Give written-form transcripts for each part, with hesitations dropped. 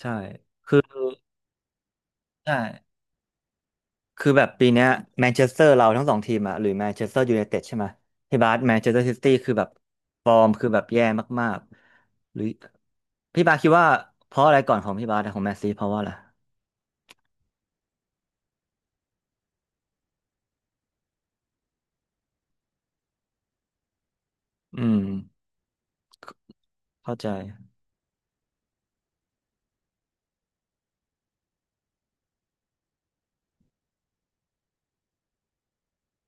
ใช่คือใช่ คือแบบปีเนี้ยแมนเชสเตอร์เราทั้งสองทีมอะหรือแมนเชสเตอร์ยูไนเต็ดใช่ไหมที่บาสแมนเชสเตอร์ซิตี้คือแบบฟอร์มคือแบบแย่มากๆหรือพี่บาสคิดว่าเพราะอะไรก่อนของพี่บาสอะของแมนซีเพราะว่าอะไรอืมเข้าใจ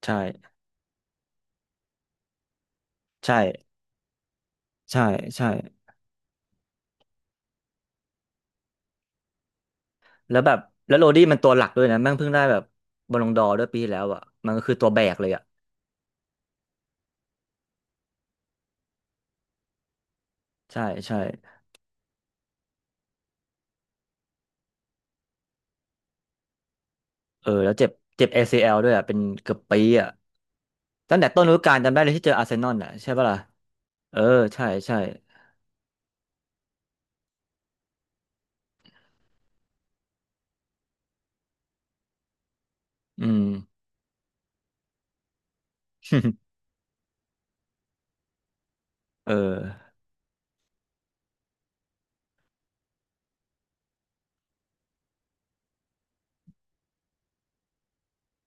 ใช่ ใช่ ใช่ ใช่ แล้วแบบแล้วโรดี้มันตัวหลักด้วยนะแม่งเพิ่งได้แบบบอลลงดอร์ด้วยปีที่แล้วอะมันก็คือตัวแบกเลยอะใช่ใช่เออ แล้วเจ็บเจ็บ ACL ด้วยอ่ะเป็นเกือบปีอ่ะ ตั้งแต่ต้นฤดูกาลจำได้เลยที่เจออาร์เซนอลน่ะใช่ปะล่ะเออใช่ใช่อืม เออ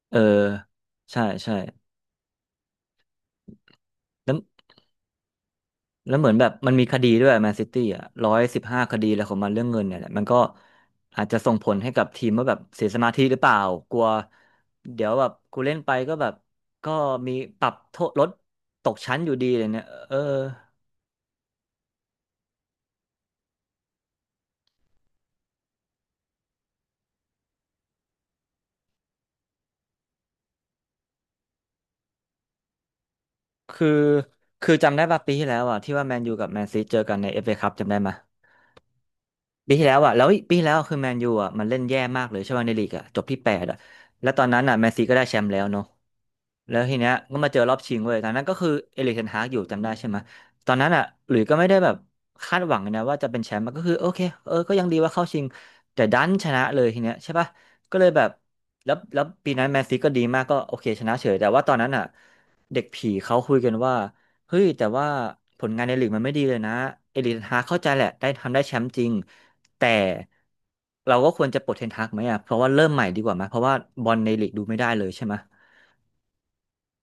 เออใช่ใช่แล้วแล้วเหมือนแบบมันมีคดีด้วยแมนซิตี้อ่ะ115คดีแล้วของมันเรื่องเงินเนี่ยแหละมันก็อาจจะส่งผลให้กับทีมว่าแบบเสียสมาธิหรือเปล่ากลัวเดี๋ยวแบบกูเล่นไปก็แบบก็มีปรับโทษลดตกชั้นอยู่ดีเลยเนี่ยเออคือคือจำได้ป่ะปีที่แล้วอ่ะที่ว่าแมนยูกับแมนซีเจอกันในเอฟเอคัพจำได้ไหม ปีที่แล้วอ่ะแล้วปีที่แล้วคือแมนยูอ่ะมันเล่นแย่มากเลยใช่ไหมในลีกอ่ะจบที่แปดอ่ะแล้วตอนนั้นอ่ะแมนซีก็ได้แชมป์แล้วเนาะแล้วทีเนี้ยก็มาเจอรอบชิงเว้ยตอนนั้นก็คือเอริกเทนฮากอยู่จำได้ใช่ไหมตอนนั้นอ่ะหลุยส์ก็ไม่ได้แบบคาดหวังเลยนะว่าจะเป็นแชมป์มันก็คือโอเคเออก็ยังดีว่าเข้าชิงแต่ดันชนะเลยทีเนี้ยใช่ป่ะก็เลยแบบแล้วปีนั้นแมนซีก็ดีมากก็โอเคชนะเฉยแต่ว่าตอนนั้นอ่ะเด็กผีเขาคุยกันว่าเฮ้ยแต่ว่าผลงานในลีกมันไม่ดีเลยนะเอริกเทนฮากเข้าใจแหละได้ทำได้แชมป์จริง แต่เราก็ควรจะปลดเทนฮากไหมอ่ะเพราะว่าเริ่มใหม่ดีกว่าไหมเพราะว่าบอลในลีกดูไม่ได้เลยใช่ไหม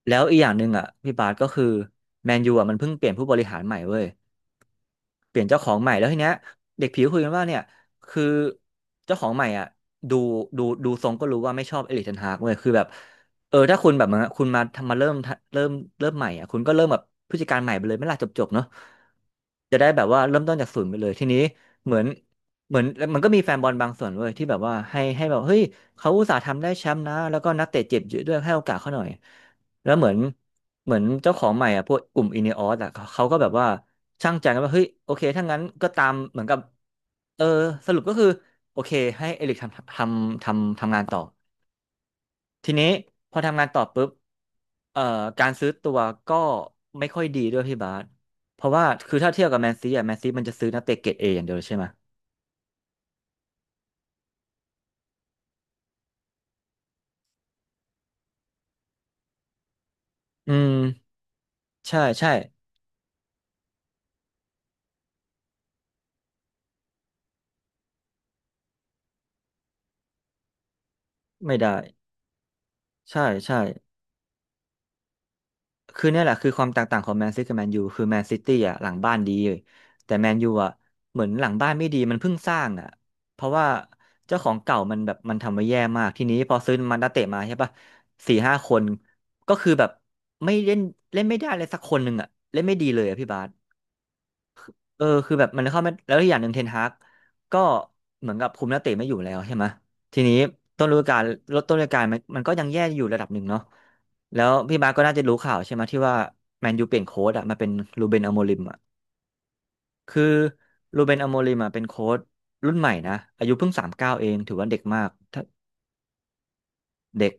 แล้วอีกอย่างหนึ่งอ่ะพี่บาสก็คือแมนยูอ่ะมันเพิ่งเปลี่ยนผู้บริหารใหม่เว้ย เปลี่ยนเจ้าของใหม่แล้วทีเนี้ยเด็กผิวคุยกันว่าเนี่ยคือเจ้าของใหม่อ่ะดูดูทรงก็รู้ว่าไม่ชอบเอริกเทนฮากเว้ยคือแบบเออถ้าคุณแบบมาคุณมาทำมาเริ่มเริ่มใหม่อ่ะคุณก็เริ่มแบบผู้จัดการใหม่ไปเลยไม่ล่ะจบเนาะจะได้แบบว่าเริ่มต้นจากศูนย์ไปเลยทีนี้เหมือนเหมือนมันก็มีแฟนบอลบางส่วนเว้ยที่แบบว่าให้แบบเฮ้ยเขาอุตส่าห์ทำได้แชมป์นะแล้วก็นักเตะเจ็บเยอะด้วยให้โอกาสเขาหน่อย แล้วเหมือนเจ้าของใหม่อ่ะพวกกลุ่มอินเนออสอ่ะเขาก็แบบว่าช่างใจกันว่าเฮ้ยโอเคถ้างั้นก็ตามเหมือนกับเออสรุปก็คือโอเคให้เอริกทำงานต่อทีนี้พอทำงานต่อปุ๊บเอ่อการซื้อตัวก็ไม่ค่อยดีด้วยพี่บาสเพราะว่าคือถ้าเทียบกับแมนซีอ่ะแมนซีมันจะซื้อนักเตะเกรดเออย่างเดียวเลยใช่ไหมอืมใช่ใช่ไม่ได้ใช่ใช่ คือเนี่ยแหละคือความแตกต่างของแมนซิตี้กับแมนยูคือแมนซิตี้อ่ะหลังบ้านดีแต่แมนยูอ่ะเหมือนหลังบ้านไม่ดีมันเพิ่งสร้างอ่ะเพราะว่าเจ้าของเก่ามันแบบมันทำไว้แย่มากทีนี้พอซื้อมันนักเตะมาใช่ปะสี่ห้าคนก็คือแบบไม่เล่นเล่นไม่ได้เลยสักคนหนึ่งอ่ะเล่นไม่ดีเลยอ่ะพี่บาส เออคือแบบมันเข้าไม่แล้วอีกอย่างหนึ่งเทนฮากก็เหมือนกับคุมนักเตะไม่อยู่แล้วใช่ไหมทีนี้ต้นฤดูกาลลดต้นฤดูกาลมันก็ยังแย่อยู่ระดับหนึ่งเนาะแล้วพี่บาสก็น่าจะรู้ข่าวใช่ไหมที่ว่าแมนยูเปลี่ยนโค้ชอะมาเป็นรูเบนอโมริมอะคือรูเบนอโมริมอะเป็นโค้ชรุ่นใหม่นะอายุเพิ่ง39เองถือว่าเด็กมากถ้าเด็ก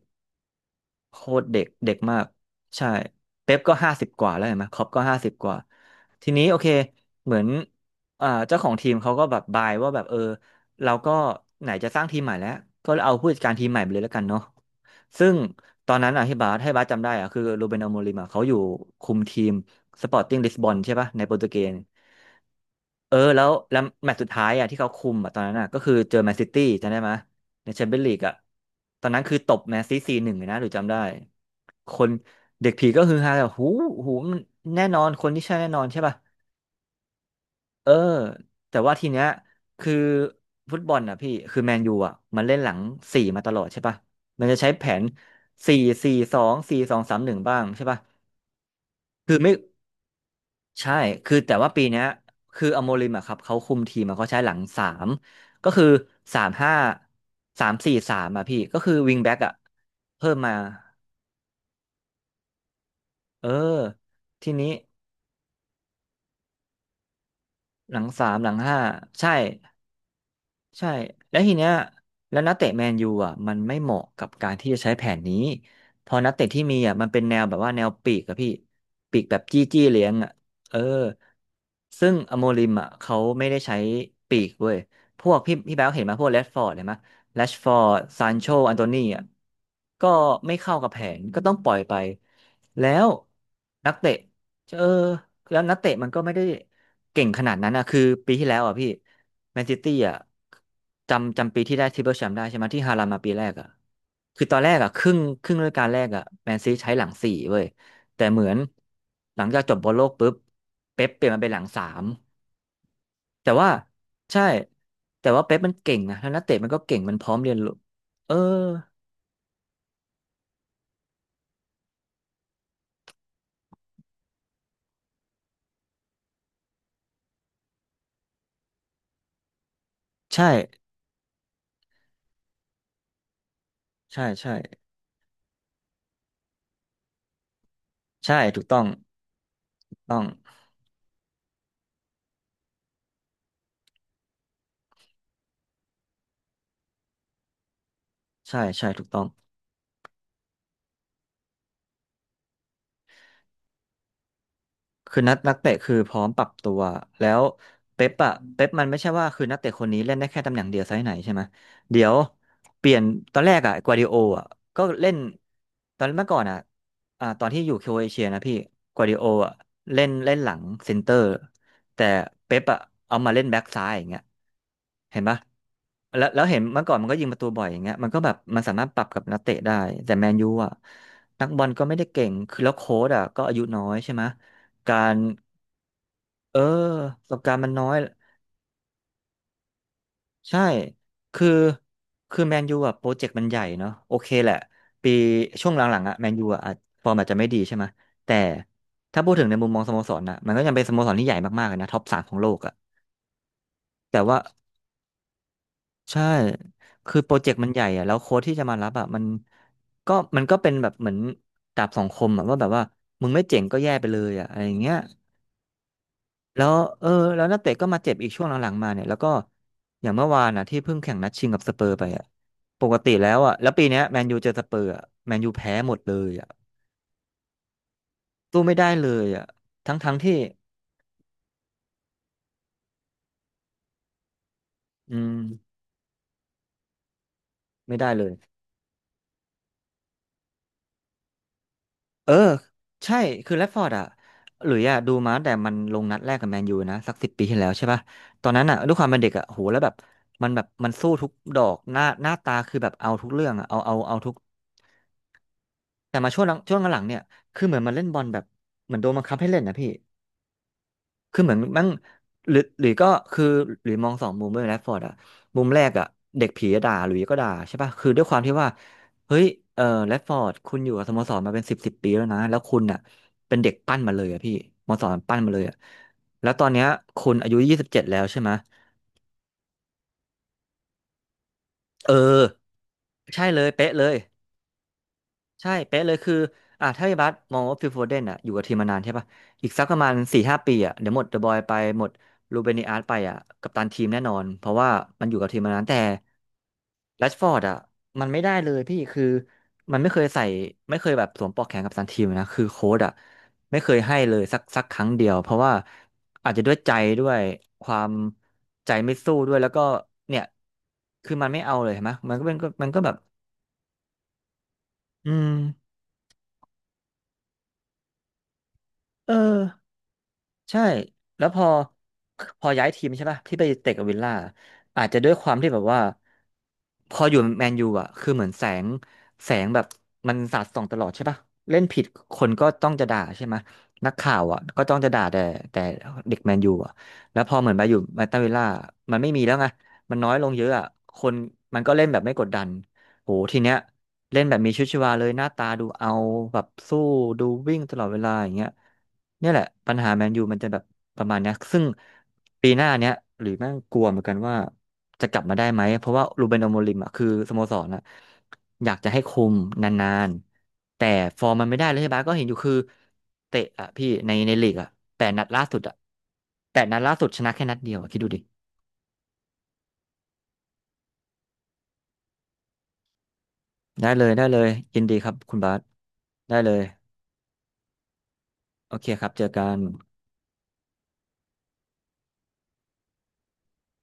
โคตรเด็กเด็กมากใช่เป๊ปก็ห้าสิบกว่าแล้วเห็นไหมคล็อปก็ห้าสิบกว่าทีนี้โอเคเหมือนเจ้าของทีมเขาก็แบบบายว่าแบบเราก็ไหนจะสร้างทีมใหม่แล้วก็เอาผู้จัดการทีมใหม่ไปเลยแล้วกันเนาะซึ่งตอนนั้นอ่ะให้บาสจำได้อ่ะคือโรเบนอโมริมอ่ะเขาอยู่คุมทีมสปอร์ติ้งลิสบอนใช่ปะในโปรตุเกส เออแล้วแมตช์สุดท้ายอ่ะที่เขาคุมอ่ะตอนนั้นอ่ะก็คือเจอแมนซิตี้จำได้ไหมยในแชมเปี้ยนลีกอ่ะตอนนั้นคือตบแมนซตี้4-1เลยนะหรือจำได้คนเด็กผีก็ฮือฮาแบบหูหูมันแน่นอนคนที่ใช่แน่นอนใช่ป่ะเออแต่ว่าทีเนี้ยคือฟุตบอลอ่ะพี่คือแมนยูอ่ะมันเล่นหลังสี่มาตลอดใช่ป่ะมันจะใช้แผน4-4-2, 4-2-3-1บ้างใช่ป่ะคือไม่ ใช่ คือแต่ว่าปีเนี้ยคืออโมริมอะครับเขาคุมทีมอะเขาใช้หลังสามก็คือ3-5-2, 3-4-3พี่ก็คือวิงแบ็กอะเพิ่มมาเออทีนี้หลัง 3 หลัง 5ใช่ ใช่แล้วทีเนี้ยแล้วนักเตะแมนยูอ่ะมันไม่เหมาะกับการที่จะใช้แผนนี้พอนักเตะที่มีอ่ะมันเป็นแนวแบบว่าแนวปีกอะพี่ปีกแบบจี้จี้เลี้ยงอ่ะเออซึ่งอโมริมอ่ะเขาไม่ได้ใช้ปีกเว้ยพวกพี่แบ๊วเห็นไหมพวกแรชฟอร์ดเห็นไหมแรชฟอร์ดซานโชอันโตนีอ่ะก็ไม่เข้ากับแผนก็ต้องปล่อยไปแล้วนักเตะ เออแล้วนักเตะมันก็ไม่ได้เก่งขนาดนั้นนะคือปีที่แล้วอ่ะพี่แมนซิตี้อ่ะจำปีที่ได้ทริปเปิลแชมป์ได้ใช่ไหมที่ฮาลาลมาปีแรกอ่ะคือตอนแรกอ่ะครึ่งฤดูกาลแรกอ่ะแมนซีใช้หลังสี่เว้ยแต่เหมือนหลังจากจบบอลโลกปุ๊บเป๊ปเปลี่ยนมาเป็นหลังสามแต่ว่าใช่แต่ว่าเป๊ปมันเก่งนะแล้วนักเตะมันก็เก่งมันพร้อมเรียนรู้เออใช่ใช่ใช่ถูกต้องถูกต้องใช่ใช่ถูกต้อง คือนักเตะคือพร้อมปรับตัวแล้วเป๊ปอะเป๊ปมันไม่ใช่ว่าคือนักเตะคนนี้เล่นได้แค่ตำแหน่งเดียวไซส์ไหนใช่ไหมเดี๋ยวเปลี่ยนตอนแรกอะกัวดิโออะก็เล่นตอนเมื่อก่อนอะตอนที่อยู่โครเอเชียนะพี่กัวดิโออะเล่นเล่นหลังเซนเตอร์แต่เป๊ปอะเอามาเล่นแบ็กซ้ายอย่างเงี้ยเห็นปะแล้วเห็นเมื่อก่อนมันก็ยิงประตูบ่อยอย่างเงี้ยมันก็แบบมันสามารถปรับกับนักเตะได้แต่แมนยูอะนักบอลก็ไม่ได้เก่งคือแล้วโค้ชอะก็อายุน้อยใช่ไหม การเออประสบการณ์มันน้อยใช่คือคือแมนยูอะโปรเจกต์มันใหญ่เนาะโอเคแหละปีช่วงหลังๆอะแมนยูอะอาจฟอร์มอาจจะไม่ดีใช่ไหมแต่ถ้าพูดถึงในมุมมองสโมสรนะมันก็ยังเป็นสโมสรที่ใหญ่มากๆเลยนะท็อปสามของโลกอะแต่ว่าใช่คือโปรเจกต์มันใหญ่อะแล้วโค้ชที่จะมารับอะมันก็เป็นแบบเหมือนดาบสองคมอะว่าแบบว่ามึงไม่เจ๋งก็แย่ไปเลยอะอะไรอย่างเงี้ย แล้วเออแล้วนักเตะก็มาเจ็บอีกช่วงหลังๆมาเนี่ยแล้วก็อย่างเมื่อวานนะที่เพิ่งแข่งนัดชิงกับสเปอร์ไปอ่ะปกติแล้วอ่ะแล้วปีเนี้ยแมนยูเจอสเปอร์อ่ะแมนยูแพ้หมดเลยอ่ะสู้ไม่ได้เลยอ่ะทั้งๆที่อืมไม่ได้เลยเออใช่คือแรชฟอร์ดอ่ะหลุยอ่ะดูมาตั้งแต่มันลงนัดแรกกับแมนยูนะสัก10 ปีที่แล้วใช่ป่ะตอนนั้นอ่ะด้วยความเป็นเด็กอ่ะโหแล้วแบบมันสู้ทุกดอกหน้าหน้าตาคือแบบเอาทุกเรื่องอ่ะเอาทุก แต่มาช่วงหลังช่วงหลังๆเนี่ยคือเหมือนมันเล่นบอลแบบเหมือนโดนบังคับให้เล่นนะพี่คือเหมือนมั่งหรือก็คือหรือมองสองมุมด้วยแรชฟอร์ดอะมุมแรกอะเด็กผีอะด่าหลุยส์ก็ด่าใช่ป่ะคือด้วยความที่ว่าเฮ้ยเออแรชฟอร์ดคุณอยู่กับสโมสรมาเป็นสิบปีแล้วนะแล้วคุณอะเป็นเด็กปั้นมาเลยอะพี่สโมสรปั้นมาเลยอะแล้วตอนเนี้ยคุณอายุ27แล้วใช่ไหมยเออใช่เลยเป๊ะเลย ใช่เป๊ะเลยคืออ่ะถ้าพี่บัสมองว่าฟิลโฟเดนอ่ะอยู่กับทีมมานานใช่ป่ะอีกสักประมาณ4 5 ปีอ่ะเดี๋ยวหมดเดอะบอยไปหมดรูเบน i อาร์ตไปอ่ะกัปตันทีมแน่นอนเพราะว่ามันอยู่กับทีมมานานแต่แรชฟอร์ดอ่ะมันไม่ได้เลยพี่คือมันไม่เคยใส่ไม่เคยแบบสวมปลอกแขนกับตันทีมนะคือโค้ชอ่ะไม่เคยให้เลยสักครั้งเดียวเพราะว่าอาจจะด้วยใจด้วยความใจไม่สู้ด้วยแล้วก็เนี่ยคือมันไม่เอาเลยเห็นไหมมันก็เป็นก็มันก็แบบอืมเออ ใช่แล้วพอ พอย้ายทีมใช่ป่ะที่ไปเตะกับวิลล่า อาจจะด้วยความที่แบบว่าพออยู่แมนยูอ่ะ คือเหมือนแสง แสงแบบมันสาดส่องตลอดใช่ป่ะ เล่นผิดคนก็ต้องจะด่าใช่ไหมนักข่าวอ่ะก็ต้องจะด่าแต่แต่เด็กแมนยูอ่ะแล้วพอเหมือนไปอยู่มาตาวิลล่ามันไม่มีแล้วไงมันน้อยลงเยอะอ่ะคนมันก็เล่นแบบไม่กดดันโหทีเนี้ย เล่นแบบมีชีวิตชีวาเลยหน้าตาดูเอาแบบสู้ดูวิ่งตลอดเวลาอย่างเงี้ยเนี่ยแหละปัญหาแมนยูมันจะแบบประมาณเนี้ยซึ่งปีหน้าเนี้ยหรือแม่งกลัวเหมือนกันว่าจะกลับมาได้ไหมเพราะว่ารูเบนอโมริมอ่ะคือสโมสรอ่ะอยากจะให้คุมนานๆแต่ฟอร์มมันไม่ได้เลยใช่ปะก็เห็นอยู่คือเตะอ่ะพี่ในลีกอ่ะแปดนัดล่าสุดอ่ะแปดนัดล่าสุดชนะแค่นัดเดียวอะคิดดูดิได้เลยยินดีครับคุณบาสได้เลยโอเคครับเจอกัน